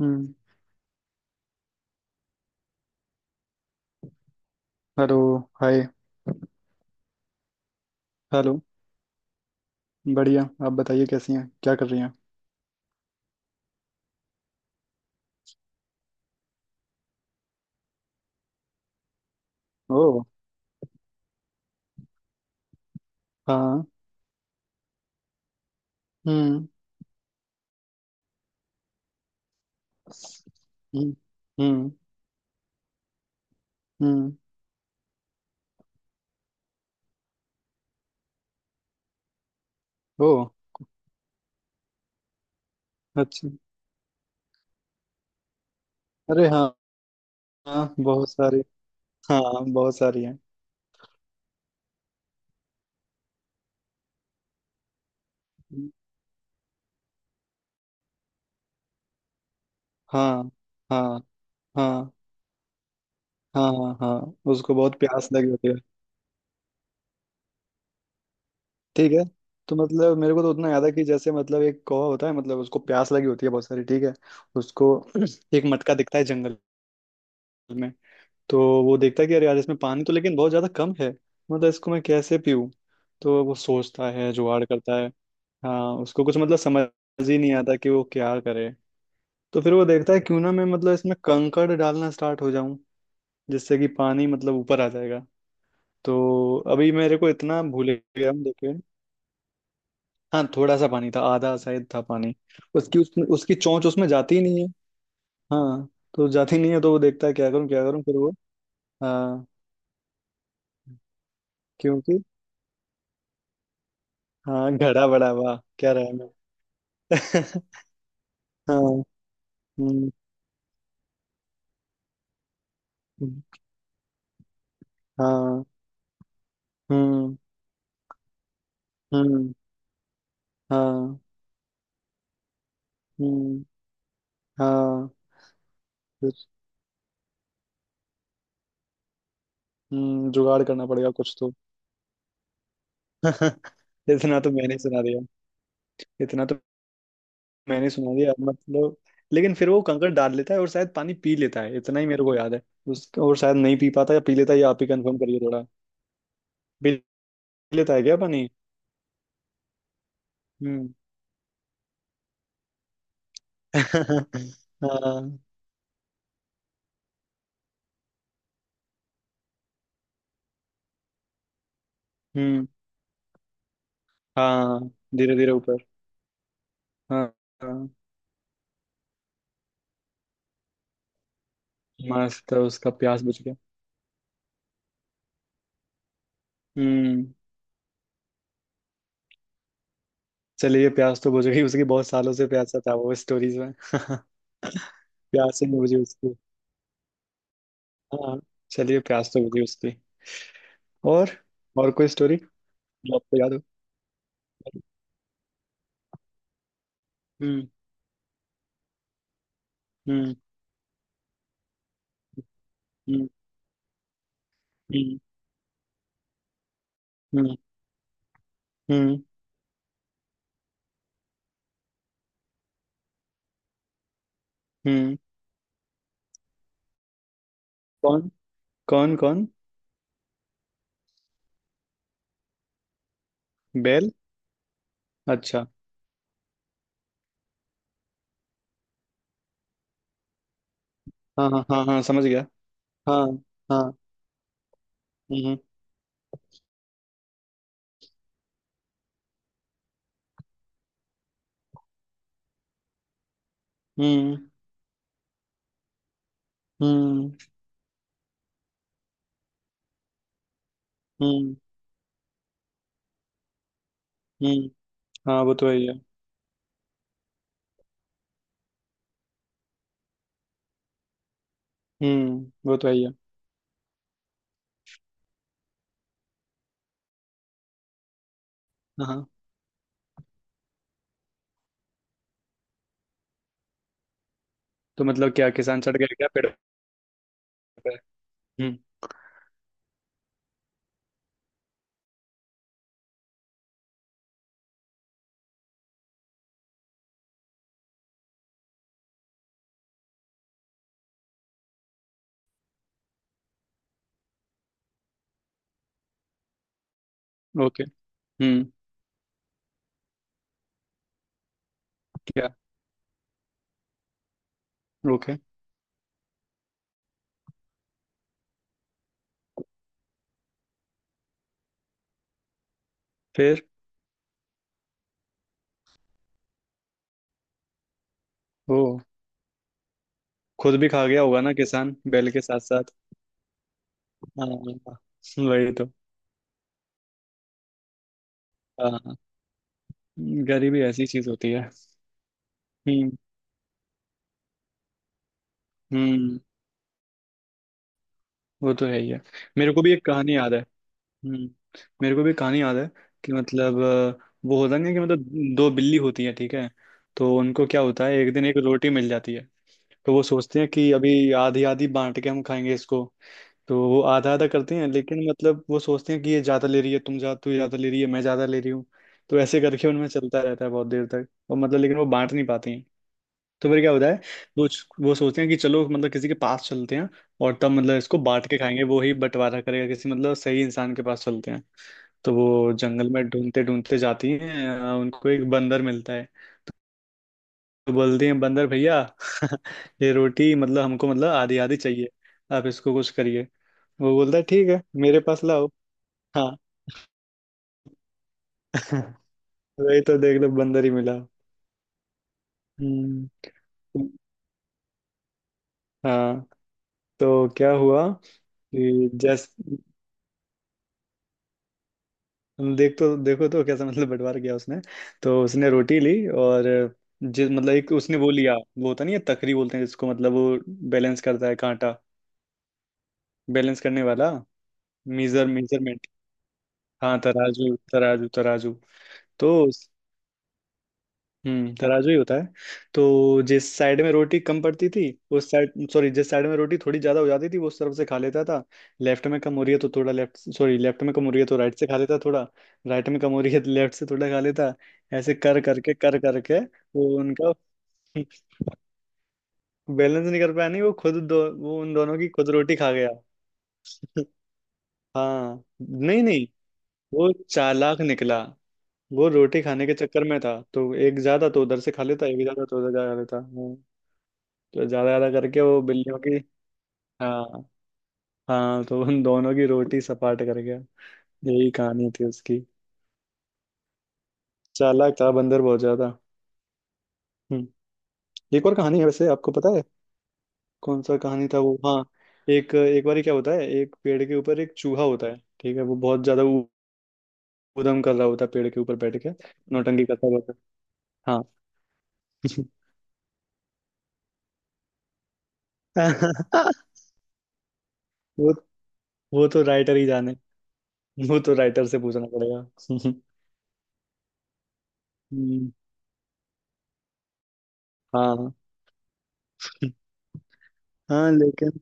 हम्म। Hello. Hi. Hello. बढ़िया, आप बताइए कैसी हैं, क्या कर रही हैं? ओ। हाँ। हम्म। हम्म। हम्म। हम्म। ओ अच्छा। अरे हाँ। हाँ, बहुत सारे। हाँ, बहुत सारी हैं। हाँ। हाँ। हाँ। हाँ। हाँ। हाँ। उसको बहुत प्यास लगी होती है। ठीक है। तो मतलब मेरे को तो उतना याद है कि जैसे मतलब एक कौवा होता है, मतलब उसको प्यास लगी होती है बहुत सारी। ठीक है। उसको एक मटका दिखता है जंगल में। तो वो देखता है कि अरे यार, इसमें पानी तो लेकिन बहुत ज़्यादा कम है। मतलब इसको मैं कैसे पीऊँ। तो वो सोचता है, जुगाड़ करता है। हाँ, उसको कुछ मतलब समझ ही नहीं आता कि वो क्या करे। तो फिर वो देखता है क्यों ना मैं मतलब इसमें कंकड़ डालना स्टार्ट हो जाऊं, जिससे कि पानी मतलब ऊपर आ जाएगा। तो अभी मेरे को इतना भूल गया हूं, देखे। हाँ, थोड़ा सा पानी था, आधा शायद था पानी। उसकी चोंच उसमें जाती ही नहीं है। हाँ, तो जाती नहीं है, तो वो देखता है क्या करूँ क्या करूँ, फिर वो। हाँ, क्योंकि। हाँ, घड़ा बड़ा, वाह क्या रहा मैं। हाँ। हम्म। हम्म। हाँ। हम्म। हम्म। हाँ। हम्म। हाँ। कुछ। जुगाड़ करना पड़ेगा कुछ तो। इतना तो मैंने सुना दिया। इतना तो मैंने सुना दिया मतलब। लेकिन फिर वो कंकड़ डाल लेता है और शायद पानी पी लेता है, इतना ही मेरे को याद है। उसका, और शायद नहीं पी पाता या पी लेता है, ये आप ही कंफर्म करिए थोड़ा। पी लेता है क्या पानी? हम्म। हाँ। हम्म। हाँ, धीरे धीरे ऊपर। हाँ। हाँ। मस्त है, उसका प्यास बुझ गया। हम्म। चलिए, प्यास तो बुझ गई उसकी। बहुत सालों से प्यासा था वो स्टोरीज में। प्यास ही नहीं बुझी उसकी। हाँ। चलिए, प्यास तो बुझी उसकी। और और कोई स्टोरी जो आपको याद हो? हम्म। हम्म। हम्म। हम्म। हम्म। हम्म। हम्म। कौन? कौन कौन? बैल। अच्छा। हाँ हाँ हाँ हाँ, समझ गया। हाँ। हाँ। हम्म। हम्म। हम्म। हम्म। हम्म। हाँ, वो तो है ही है। हम्म। वो तो है ही है। हाँ। हाँ। तो मतलब क्या किसान चढ़ गया क्या पेड़ पे? हम्म। ओके। हम्म। क्या? ओके। फिर? ओ, खुद भी खा गया होगा ना किसान बैल के साथ साथ। हाँ, वही तो। हाँ, गरीबी ऐसी चीज होती है। हम्म। हम्म। वो तो है ही है। मेरे को भी एक कहानी याद है। हम्म। मेरे को भी कहानी याद है। कि मतलब वो होता नहीं है कि मतलब दो बिल्ली होती है, ठीक है। तो उनको क्या होता है, एक दिन एक रोटी मिल जाती है। तो वो सोचते हैं कि अभी आधी आधी बांट के हम खाएंगे इसको। तो वो आधा आधा करते हैं, लेकिन मतलब वो सोचते हैं कि ये ज्यादा ले रही है, तुम ज्यादा, तू ज्यादा ले रही है, मैं ज्यादा ले रही हूँ। तो ऐसे करके उनमें चलता रहता है बहुत देर तक, और मतलब लेकिन वो बांट नहीं पाते हैं। तो फिर क्या होता है, वो वो सोचते हैं कि चलो मतलब किसी के पास चलते हैं। और तब मतलब इसको बांट के खाएंगे, वो ही बंटवारा करेगा, किसी मतलब सही इंसान के पास चलते हैं। तो वो जंगल में ढूंढते ढूंढते जाती हैं, उनको एक बंदर मिलता है। तो बोलती हैं, बंदर भैया। ये रोटी मतलब हमको मतलब आधी आधी चाहिए। आप इसको कुछ करिए। वो बोलता है ठीक है, मेरे पास लाओ। हाँ। वही तो, देख लो बंदर ही मिला। हम्म। हाँ। तो क्या हुआ कि जैस देख तो देखो तो कैसा मतलब बंटवारा किया उसने। तो उसने रोटी ली और जिस मतलब एक उसने वो लिया, वो होता नहीं है तकरी बोलते हैं जिसको, मतलब वो बैलेंस करता है कांटा। बैलेंस करने वाला, मीजर, मेजरमेंट। हाँ, तराजू तराजू तराजू। तो तराजू ही होता है। तो जिस साइड में रोटी कम पड़ती थी, उस साइड सॉरी जिस साइड में रोटी थोड़ी ज्यादा हो जाती थी, वो उस तरफ से खा लेता था। लेफ्ट में कम हो रही है तो थोड़ा लेफ्ट सॉरी, लेफ्ट में कम हो रही है तो राइट से खा लेता थोड़ा। राइट में कम हो रही है तो लेफ्ट से थोड़ा खा लेता। ऐसे कर करके वो उनका बैलेंस नहीं कर पाया। नहीं, वो खुद, दो, वो उन दोनों की खुद रोटी खा गया। हाँ। नहीं नहीं, वो चालाक निकला। वो रोटी खाने के चक्कर में था, तो एक ज्यादा तो उधर से खा लेता, एक ज्यादा तो उधर से खा लेता। हाँ। तो ज्यादा ज्यादा करके वो बिल्लियों की, हाँ हाँ, तो उन दोनों की रोटी सपाट कर गया। यही कहानी थी उसकी। चालाक था बंदर बहुत ज्यादा। हम्म। एक और कहानी है वैसे, आपको पता है? कौन सा कहानी था वो? हाँ। एक एक बार क्या होता है, एक पेड़ के ऊपर एक चूहा होता है, ठीक है, वो बहुत ज्यादा ऊधम कर रहा होता है पेड़ के ऊपर बैठ के। नौटंकी करता रहता है। हाँ। वो वो तो राइटर ही जाने। वो तो राइटर से पूछना पड़ेगा। हम्म। हाँ। हाँ, लेकिन।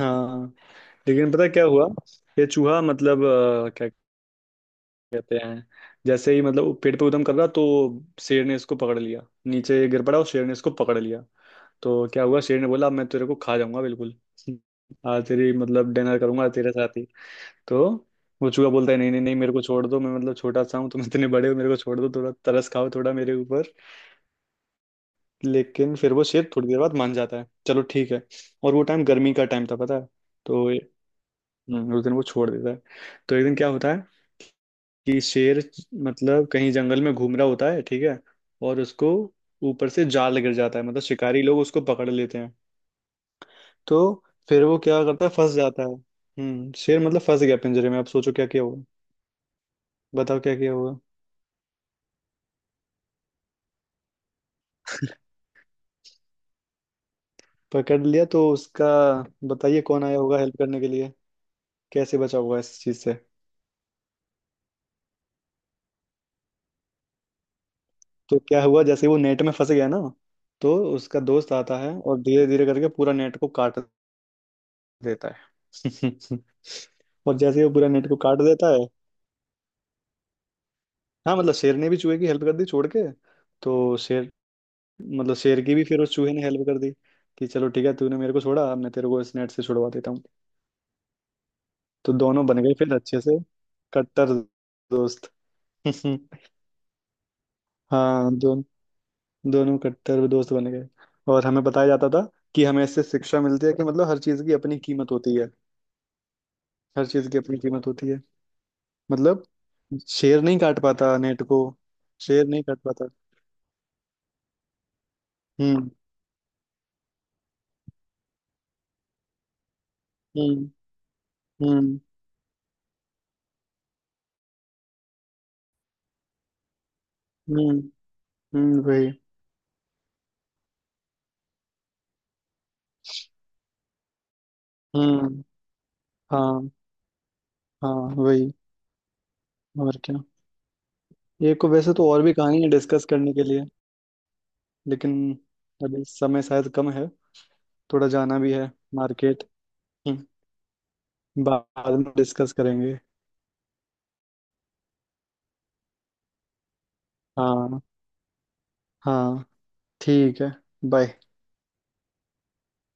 हाँ, लेकिन पता है क्या हुआ? ये चूहा मतलब क्या कहते हैं। जैसे ही मतलब पेड़ पे उदम कर रहा तो शेर ने इसको पकड़ लिया। नीचे गिर पड़ा और शेर ने इसको पकड़ लिया। तो क्या हुआ, शेर ने बोला "अब मैं तेरे को खा जाऊंगा बिल्कुल। आज तेरी मतलब डिनर करूंगा तेरे साथ ही। तो वो चूहा बोलता है, नहीं नहीं नहीं, मेरे को छोड़ दो, मैं मतलब छोटा सा हूँ, तुम इतने बड़े हो, मेरे को छोड़ दो थोड़ा, तरस खाओ थोड़ा मेरे ऊपर। लेकिन फिर वो शेर थोड़ी देर बाद मान जाता है, चलो ठीक है। और वो टाइम गर्मी का टाइम था, पता है। तो उस दिन वो छोड़ देता है। तो एक दिन क्या होता है कि शेर मतलब कहीं जंगल में घूम रहा होता है, ठीक है। और उसको ऊपर से जाल गिर जाता है, मतलब शिकारी लोग उसको पकड़ लेते हैं। तो फिर वो क्या करता है, फंस जाता है, शेर मतलब फंस गया पिंजरे में, अब सोचो क्या किया होगा। बताओ क्या किया होगा, पकड़ लिया तो उसका। बताइए कौन आया होगा हेल्प करने के लिए। कैसे बचा होगा इस चीज से? तो क्या हुआ, जैसे वो नेट में फंस गया ना। तो उसका दोस्त आता है और धीरे धीरे करके पूरा नेट को काट देता है। और जैसे ही वो पूरा नेट को काट देता है, हाँ, मतलब शेर ने भी चूहे की हेल्प कर दी छोड़ के। तो शेर मतलब शेर की भी फिर उस चूहे ने हेल्प कर दी कि चलो ठीक है, तूने मेरे को छोड़ा, अब मैं तेरे को इस नेट से छुड़वा देता हूँ। तो दोनों बन गए फिर अच्छे से कट्टर दोस्त। हाँ, दोनों कट्टर दोस्त बन गए। और हमें बताया जाता था कि हमें इससे शिक्षा मिलती है कि मतलब हर चीज की अपनी कीमत होती है। हर चीज की अपनी कीमत होती है मतलब, शेर नहीं काट पाता नेट को, शेर नहीं काट पाता। हम्म। हम्म। हम्म। हम्म। वही। हम्म। हाँ। हाँ, वही। और क्या। ये को वैसे तो और भी कहानी है डिस्कस करने के लिए, लेकिन अभी समय शायद कम है। थोड़ा जाना भी है मार्केट। हम्म, बाद में डिस्कस करेंगे। हाँ हाँ, ठीक है। बाय।